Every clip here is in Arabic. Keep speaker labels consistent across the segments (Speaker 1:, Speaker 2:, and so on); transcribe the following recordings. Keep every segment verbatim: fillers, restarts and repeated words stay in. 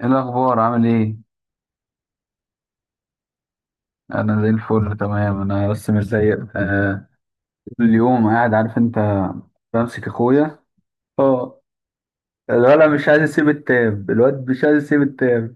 Speaker 1: ايه الاخبار؟ عامل ايه؟ انا زي الفل تمام. انا بس مش زيك. آه اليوم قاعد، عارف انت، بمسك اخويا. اه، الولد مش عايز يسيب التاب. الواد مش عايز يسيب التاب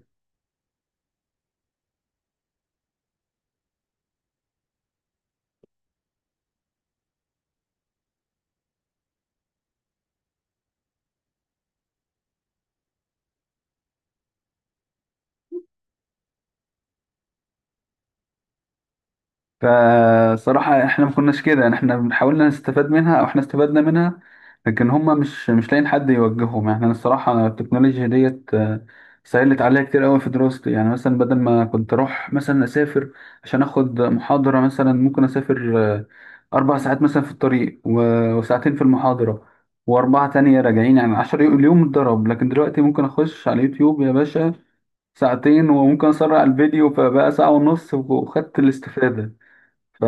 Speaker 1: فصراحة احنا ما كناش كده. يعني احنا حاولنا نستفاد منها، او احنا استفدنا منها، لكن هما مش مش لاقيين حد يوجههم. يعني انا الصراحة التكنولوجيا ديت آه، سهلت عليا كتير قوي في دراستي. يعني مثلا بدل ما كنت اروح مثلا اسافر عشان اخد محاضرة، مثلا ممكن اسافر آه، اربع ساعات مثلا في الطريق، و- وساعتين في المحاضرة، واربعة تانية راجعين. يعني عشر يو- اليوم اتضرب. لكن دلوقتي ممكن اخش على اليوتيوب يا باشا ساعتين، وممكن اسرع الفيديو فبقى ساعة ونص، وخدت الاستفادة. ف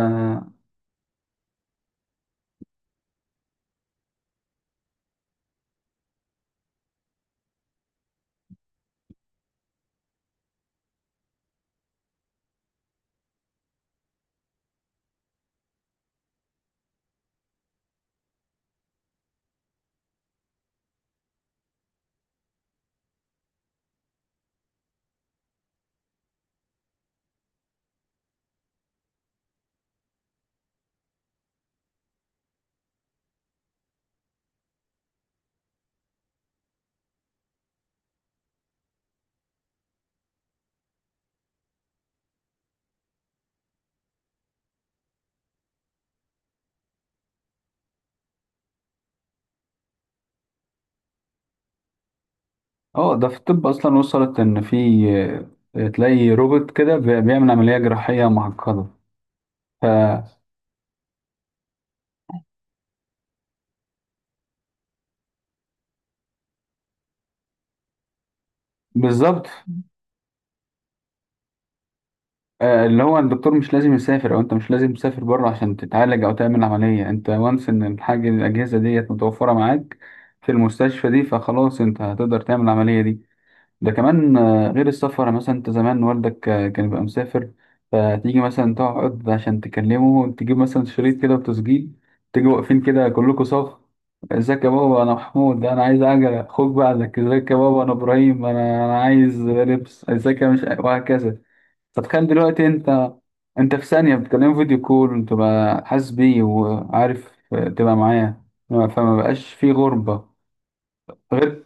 Speaker 1: اه، ده في الطب اصلا وصلت ان في آه، تلاقي روبوت كده بي- بيعمل عمليه جراحيه معقده. ف بالظبط. آه، اللي هو الدكتور مش لازم يسافر، او انت مش لازم تسافر بره عشان تتعالج او تعمل عمليه. انت وانس ان الحاجه الاجهزه ديت متوفره معاك في المستشفى دي، فخلاص انت هتقدر تعمل العمليه دي. ده كمان آه، غير السفر. يعني مثلا انت زمان والدك آه، كان بيبقى مسافر، فتيجي مثلا تقعد عشان تكلمه، تجيب مثلا شريط كده وتسجيل، تيجي واقفين كده كلكم صف: ازيك يا بابا، انا محمود، انا عايز عجلة، خد بعدك، ازيك يا بابا، انا ابراهيم، انا انا عايز لبس، ازيك يا مش، وهكذا. فتخيل دلوقتي انت انت في ثانية بتكلمه فيديو كول وتبقى حاسس بيه وعارف، آه، تبقى معاه، فما بقاش في غربة. غير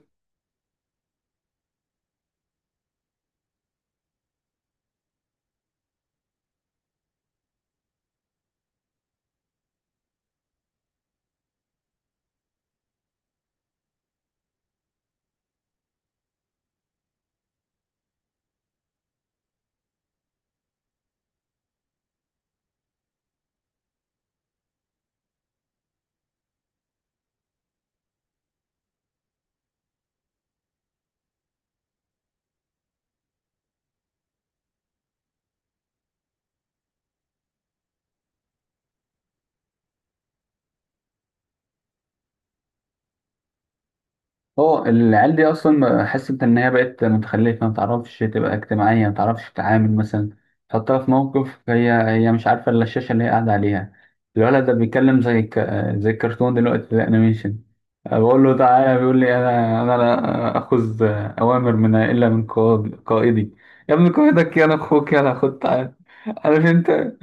Speaker 1: اه العيال دي اصلا، حاسس انت ان هي بقت متخلفه، ما تعرفش تبقى اجتماعيه، ما تعرفش تتعامل. مثلا تحطها في موقف هي هي مش عارفه الا الشاشه اللي هي قاعده عليها. الولد ده بيتكلم زي ك... زي الكرتون دلوقتي، زي الانيميشن. بقول له تعالى، بيقول لي: انا انا لا اخذ اوامر من الا من قائد قائدي. يا ابن قائدك، يا انا اخوك، يلا خد تعالى. عارف انت،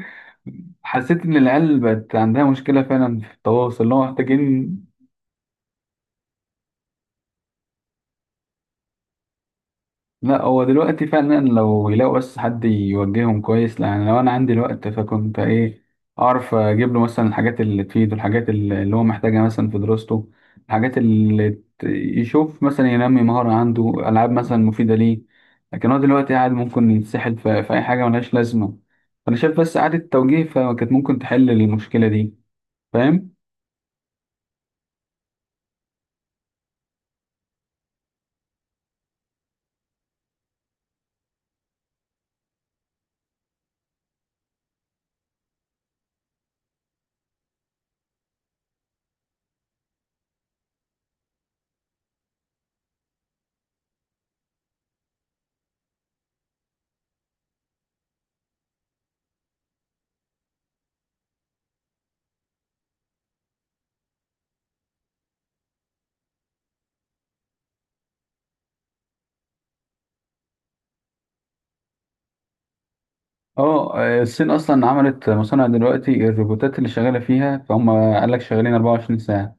Speaker 1: حسيت ان العيال بقت عندها مشكله فعلا في التواصل اللي هو محتاجين. لا، هو دلوقتي فعلا لو يلاقوا بس حد يوجههم كويس. يعني لو انا عندي الوقت، فكنت ايه، اعرف اجيب له مثلا الحاجات اللي تفيده، الحاجات اللي اللي هو محتاجها مثلا في دراسته، الحاجات اللي ت- يشوف مثلا ينمي مهارة عنده، العاب مثلا مفيدة ليه. لكن هو دلوقتي قاعد ممكن يتسحل في, في اي حاجة ملهاش لازمة. فانا شايف بس إعادة توجيه فكانت ممكن تحل المشكلة دي، فاهم؟ اه آه، الصين اصلا عملت مصانع دلوقتي، الروبوتات اللي شغاله فيها، فهم قال لك شغالين اربعة وعشرين ساعه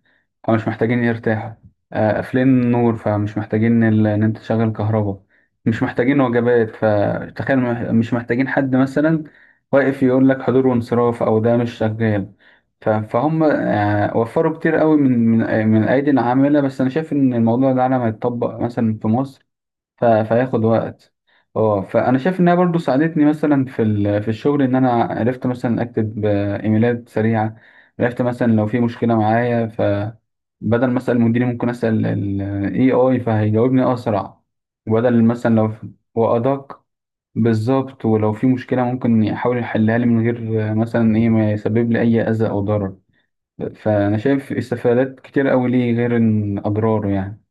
Speaker 1: فمش محتاجين يرتاحوا. آه، قافلين النور فمش محتاجين ال- ان انت تشغل كهرباء، مش محتاجين وجبات. فتخيل مح- مش محتاجين حد مثلا واقف يقول لك حضور وانصراف، او ده مش شغال. ف- فهم آه، وفروا كتير قوي من من آه، من ايدي العامله. بس انا شايف ان الموضوع ده لما يتطبق مثلا في مصر، ف- فهياخد وقت. اه فانا شايف انها برضو ساعدتني مثلا في ال- في الشغل. ان انا عرفت مثلا اكتب آه، ايميلات سريعه، عرفت مثلا لو في مشكله معايا، فبدل ما اسال مديري ممكن اسال الاي اي فهيجاوبني اسرع، وبدل مثلا لو في- وادق. بالظبط. ولو في مشكله ممكن يحاول يحلها لي من غير آه، مثلا ايه، ما يسبب لي اي اذى او ضرر. فانا شايف استفادات كتير قوي ليه غير إن اضراره، يعني.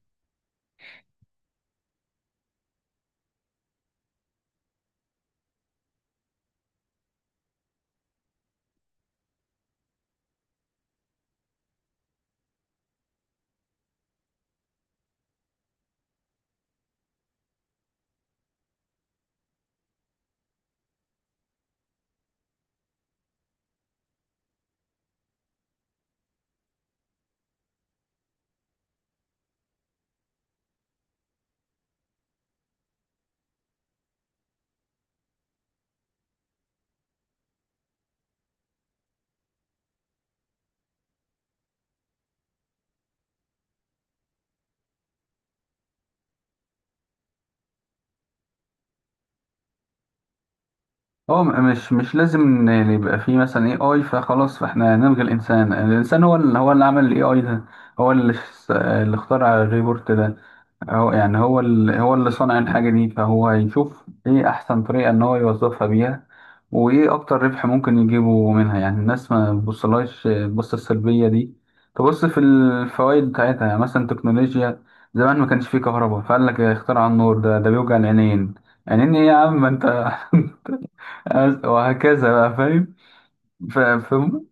Speaker 1: هو م- مش مش لازم إن يعني يبقى فيه مثلا اي اي فخلاص فاحنا نلغي الانسان. الانسان هو اللي هو اللي عمل الاي اي ده، هو اللي ش- اللي اخترع الريبورت ده، هو يعني هو اللي هو اللي صنع الحاجة دي، فهو يشوف ايه احسن طريقة ان هو يوظفها بيها، وايه اكتر ربح ممكن يجيبه منها. يعني الناس ما تبصلهاش تبص السلبية دي، تبص في الفوائد بتاعتها. يعني مثلا تكنولوجيا زمان ما كانش فيه كهرباء، فقال لك اخترع النور ده، ده بيوجع العينين. عينين ايه يا عم ما انت وهكذا بقى، فاهم؟ ف- فاهم.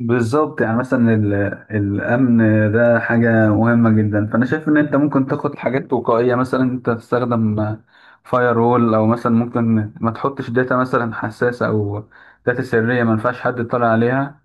Speaker 1: بالظبط. يعني مثلا ال- الأمن ده حاجة مهمة جدا. فأنا شايف إن أنت ممكن تاخد حاجات وقائية، مثلا أنت تستخدم فاير وول، أو مثلا ممكن ما تحطش داتا مثلا حساسة، أو داتا سرية ما ينفعش حد يطلع عليها.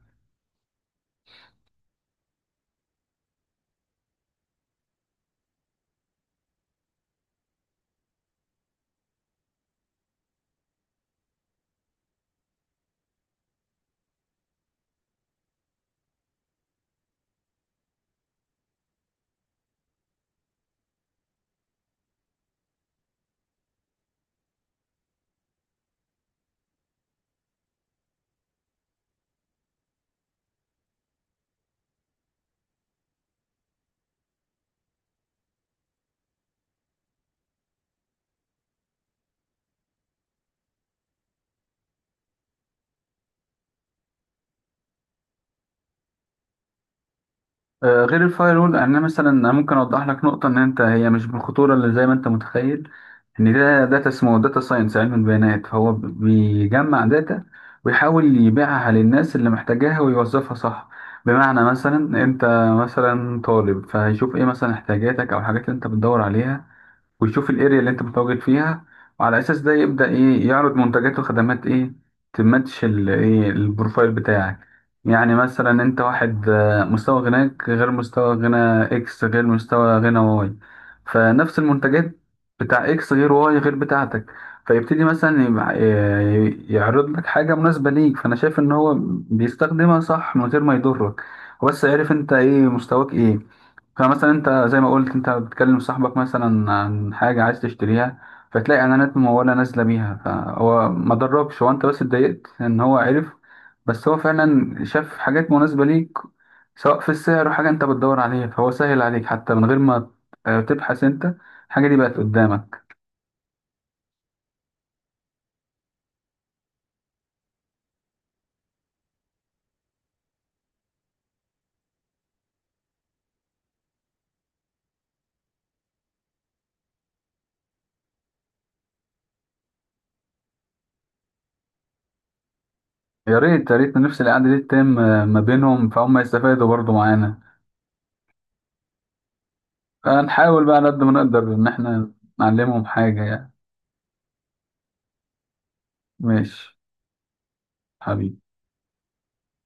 Speaker 1: آه، غير الفاير وول، يعني انا مثلا أنا ممكن اوضح لك نقطه ان انت هي مش بالخطوره اللي زي ما انت متخيل، ان ده داتا، اسمه داتا ساينس، علم البيانات، فهو بيجمع داتا ويحاول يبيعها للناس اللي محتاجاها ويوظفها صح. بمعنى مثلا انت مثلا طالب، فهيشوف ايه مثلا احتياجاتك او الحاجات اللي انت بتدور عليها، ويشوف الاريا اللي انت متواجد فيها، وعلى اساس ده يبدا ايه يعرض منتجات وخدمات ايه تماتش ال- ايه البروفايل بتاعك. يعني مثلا انت واحد آه، مستوى غناك غير مستوى غنى اكس غير مستوى غنى واي. فنفس المنتجات بتاع اكس غير واي غير بتاعتك. فيبتدي مثلا يبع- ي- يعرض لك حاجة مناسبة ليك. فأنا شايف إن هو بيستخدمها صح من غير ما يضرك. هو بس عارف أنت إيه، مستواك إيه. فمثلا انت زي ما قلت، انت بتكلم صاحبك مثلا عن حاجة عايز تشتريها، فتلاقي اعلانات ممولة نازلة بيها. فهو ما ضركش، هو انت بس اتضايقت ان هو عرف، بس هو فعلا شاف حاجات مناسبة ليك، سواء في السعر او حاجة انت بتدور عليها، فهو سهل عليك حتى من غير ما اه، تبحث انت. الحاجة دي بقت قدامك. يا ريت، يا ريت نفس القعدة دي تتم اه، ما بينهم فهم يستفادوا برضو معانا. فنحاول بقى على قد ما نقدر ان احنا نعلمهم حاجة، يعني. ماشي. حبيبي.